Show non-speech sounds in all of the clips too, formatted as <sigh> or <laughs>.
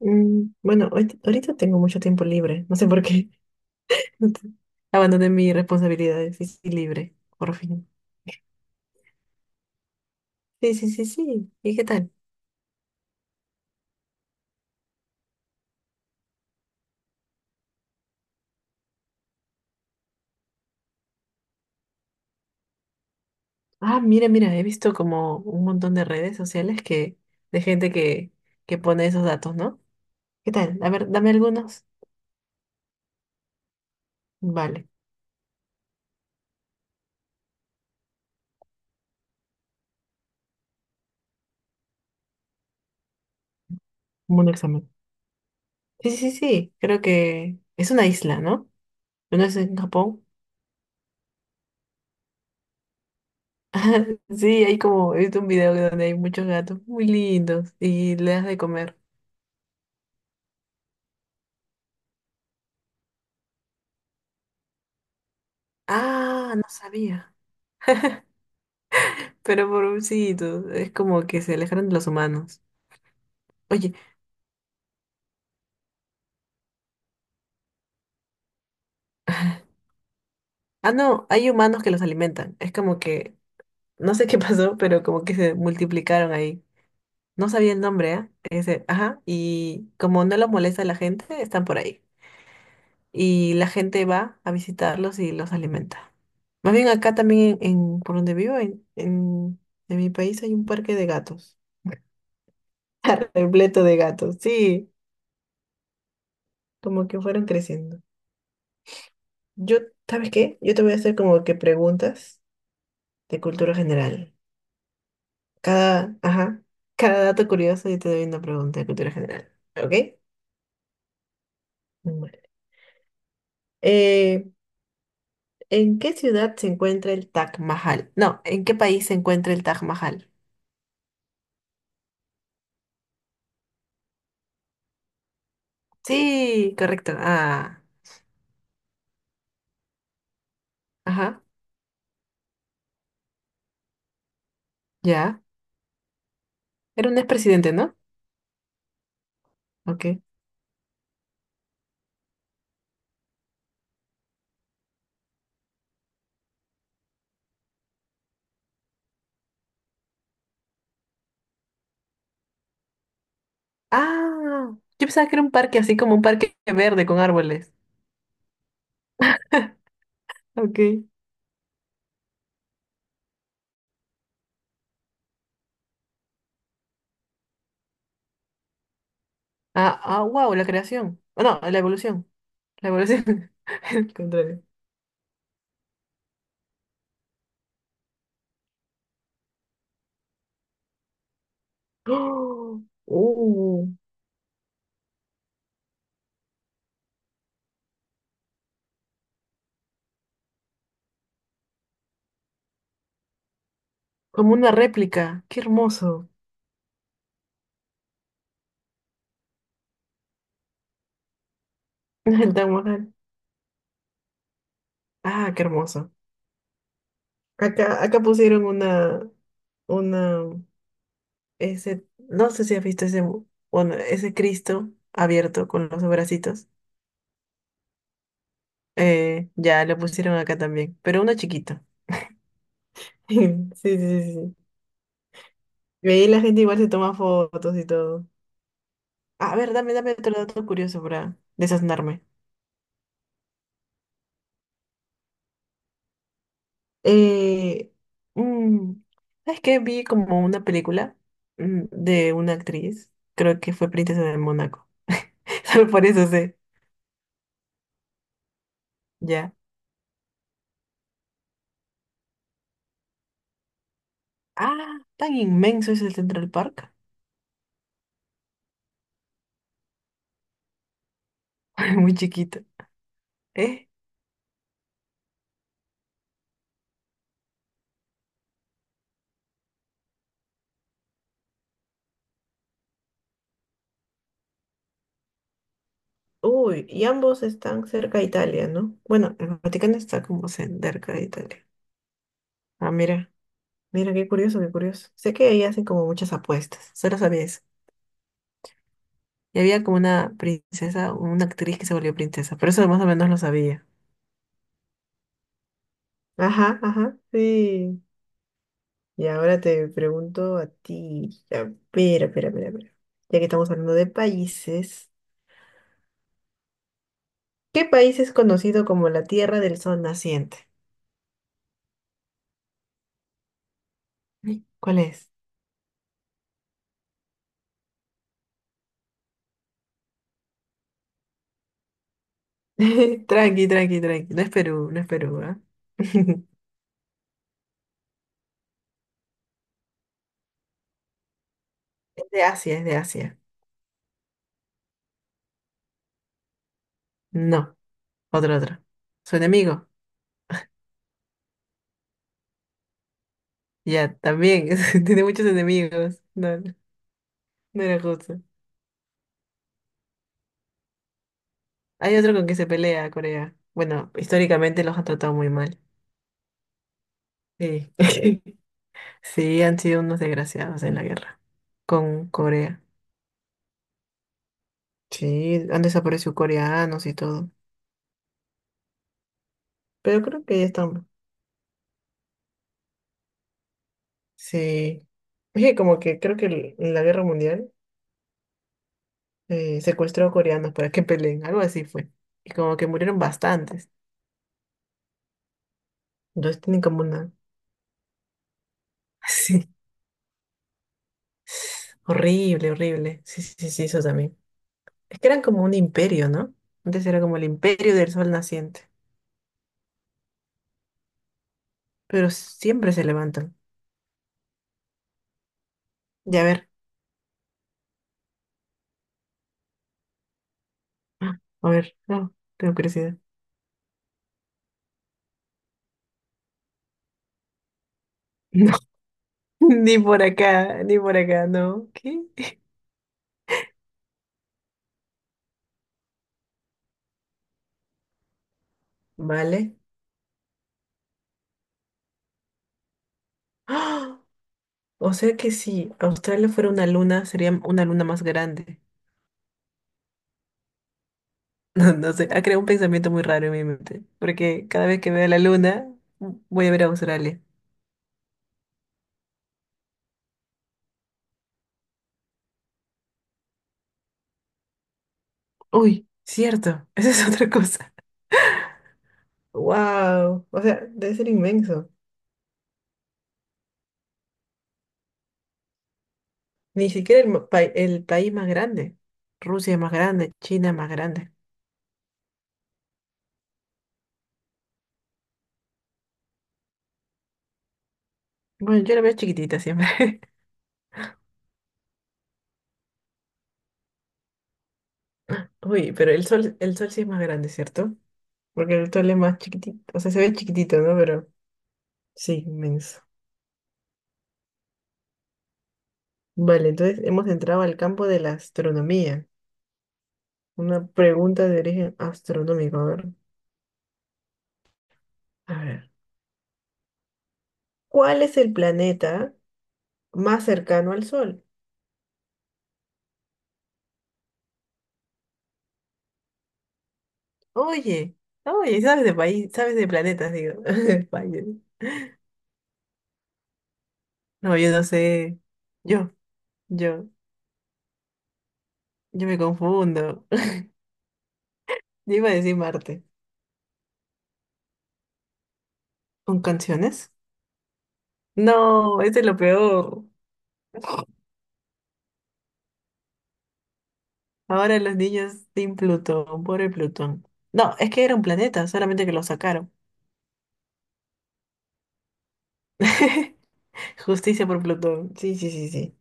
Bueno, ahorita tengo mucho tiempo libre. No sé por qué. <laughs> Abandoné mis responsabilidades y estoy libre, por fin. Sí, sí, sí, sí. ¿Y qué tal? Ah, mira, he visto como un montón de redes sociales de que pone esos datos, ¿no? ¿Qué tal? A ver, dame algunos. Vale, como un examen. Sí, sí, sí. Creo que es una isla, ¿no? ¿No es en Japón? Sí, hay como, he visto un video donde hay muchos gatos muy lindos y le das de comer. Ah, no sabía. Pero pobrecitos, es como que se alejaron de los humanos. Oye, ah, no, hay humanos que los alimentan. Es como no sé <laughs> qué pasó, pero como que se multiplicaron ahí. No sabía el nombre, ¿ah? Ese, ajá, y como no los molesta a la gente, están por ahí. Y la gente va a visitarlos y los alimenta. Más bien acá también, por donde vivo, en mi país hay un parque de gatos, <laughs> repleto de gatos, sí, como que fueron creciendo. Yo, ¿sabes qué? Yo te voy a hacer como que preguntas de cultura general. Cada, ajá, cada dato curioso y te doy una pregunta de cultura general. ¿Ok? Bueno. Eh, ¿En qué ciudad se encuentra el Taj Mahal? No, ¿en qué país se encuentra el Taj Mahal? Sí, correcto. Ah, ajá, ya. Era un expresidente, ¿no? Ok. Ah, yo pensaba que era un parque así como un parque verde con árboles. Ok. Ah, ah, wow, la creación. Oh, no, la evolución. La evolución. <laughs> El contrario. ¡Oh! ¡Uh! Como una réplica. ¡Qué hermoso! <laughs> El Taj Mahal. Ah, qué hermoso. Acá pusieron una, ese, no sé si has visto ese, mu- bueno, ese Cristo abierto con los bracitos. Ya lo pusieron acá también, pero uno chiquito. <laughs> Sí, sí, sí, sí. Y ahí la gente igual se toma fotos y todo. A ver, dame otro dato curioso para desaznarme. Eh, mm, ¿Sabes qué? Vi como una película de una actriz, creo que fue Princesa de Mónaco. <laughs> Solo por eso sé, ya. Ah, tan inmenso es el Central Park. <laughs> Muy chiquito. ¿Eh? Uy, y ambos están cerca de Italia, ¿no? Bueno, el Vaticano está como cerca de Italia. Ah, mira, qué curioso, qué curioso. Sé que ahí hacen como muchas apuestas, solo sabía eso. Y había como una princesa, una actriz que se volvió princesa, pero eso más o menos lo sabía. Ajá, ajá, sí. Y ahora te pregunto a ti. A ver, a ver, a ver, a ver. Ya que estamos hablando de países, ¿qué país es conocido como la Tierra del Sol Naciente? Ay, ¿cuál es? <laughs> Tranqui, tranqui, tranqui. No es Perú, no es Perú, ¿ah? <laughs> Es de Asia, es de Asia. No, otro, otro. Su enemigo. Ya, también. <laughs> Tiene muchos enemigos. No, no era justo. Hay otro con que se pelea Corea. Bueno, históricamente los ha tratado muy mal. Sí. <laughs> Sí, han sido unos desgraciados en la guerra con Corea. Sí, han desaparecido coreanos y todo. Pero creo que ya estamos. Sí. Es que como que creo que el- en la guerra mundial secuestró a coreanos para que peleen, algo así fue. Y como que murieron bastantes. Entonces tienen como una... <laughs> Sí. Horrible, horrible. Sí, sí, sí, sí, eso también. Es que eran como un imperio, ¿no? Antes era como el imperio del sol naciente. Pero siempre se levantan. Ya a ver. Ah, a ver. No, tengo curiosidad. No, <laughs> ni por acá, ni por acá, no. ¿Qué? Vale. ¡Ah! O sea que si Australia fuera una luna, sería una luna más grande. <laughs> No, no sé, ha creado un pensamiento muy raro en mi mente, porque cada vez que veo la luna, voy a ver a Australia. Uy, cierto, <laughs> esa es otra cosa. Wow, o sea, debe ser inmenso. Ni siquiera el, ma- pa- el país más grande. Rusia es más grande, China es más grande. Bueno, yo la veo chiquitita siempre. <laughs> Uy, pero el sol sí es más grande, ¿cierto? Porque el otro es más chiquitito. O sea, se ve chiquitito, ¿no? Pero sí, inmenso. Vale, entonces hemos entrado al campo de la astronomía. Una pregunta de origen astronómico. A ver. A ver. ¿Cuál es el planeta más cercano al Sol? Oye, oye, sabes de país, sabes de planetas, digo. <laughs> Vaya. No, yo no sé. Yo, yo, yo me confundo. <laughs> Yo iba a decir Marte. ¿Con canciones? No, ese es lo peor. Ahora los niños sin Plutón, pobre Plutón. No, es que era un planeta, solamente que lo sacaron. <laughs> Justicia por Plutón. Sí, sí, sí, sí.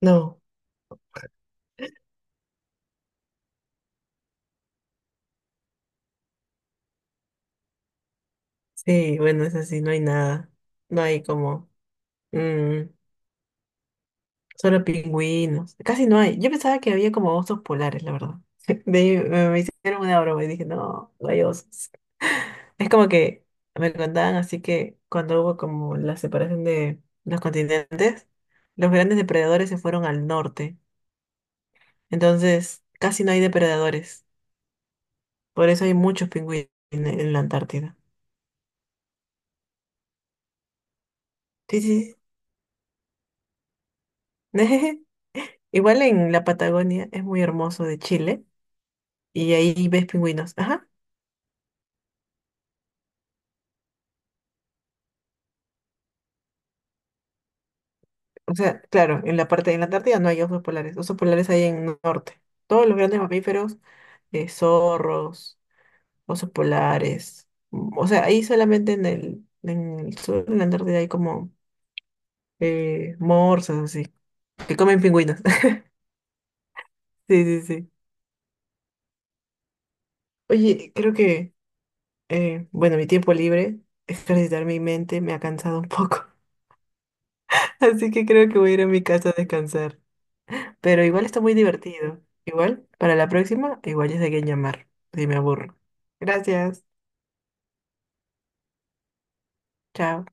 No, sí, bueno, es así, no hay nada. No hay como... mm, solo pingüinos. Casi no hay. Yo pensaba que había como osos polares, la verdad. <laughs> De ahí me hicieron una broma y dije, no, no hay osos. Es como que me contaban así que cuando hubo como la separación de los continentes, los grandes depredadores se fueron al norte. Entonces, casi no hay depredadores. Por eso hay muchos pingüinos en la Antártida. Sí, sí. Sí. <laughs> Igual en la Patagonia es muy hermoso de Chile y ahí ves pingüinos. Ajá. O sea, claro, en la parte de la Antártida no hay osos polares. Osos polares hay en el norte. Todos los grandes mamíferos, zorros, osos polares. O sea, ahí solamente en el sur de la Antártida hay como morsas así, que comen pingüinos. <laughs> Sí, sí, sí. Oye, creo que bueno, mi tiempo libre, ejercitar mi mente, me ha cansado un poco. <laughs> Así que creo que voy a ir a mi casa a descansar. Pero igual está muy divertido. Igual, para la próxima, igual ya sé a quién llamar, si me aburro. Gracias. Chao.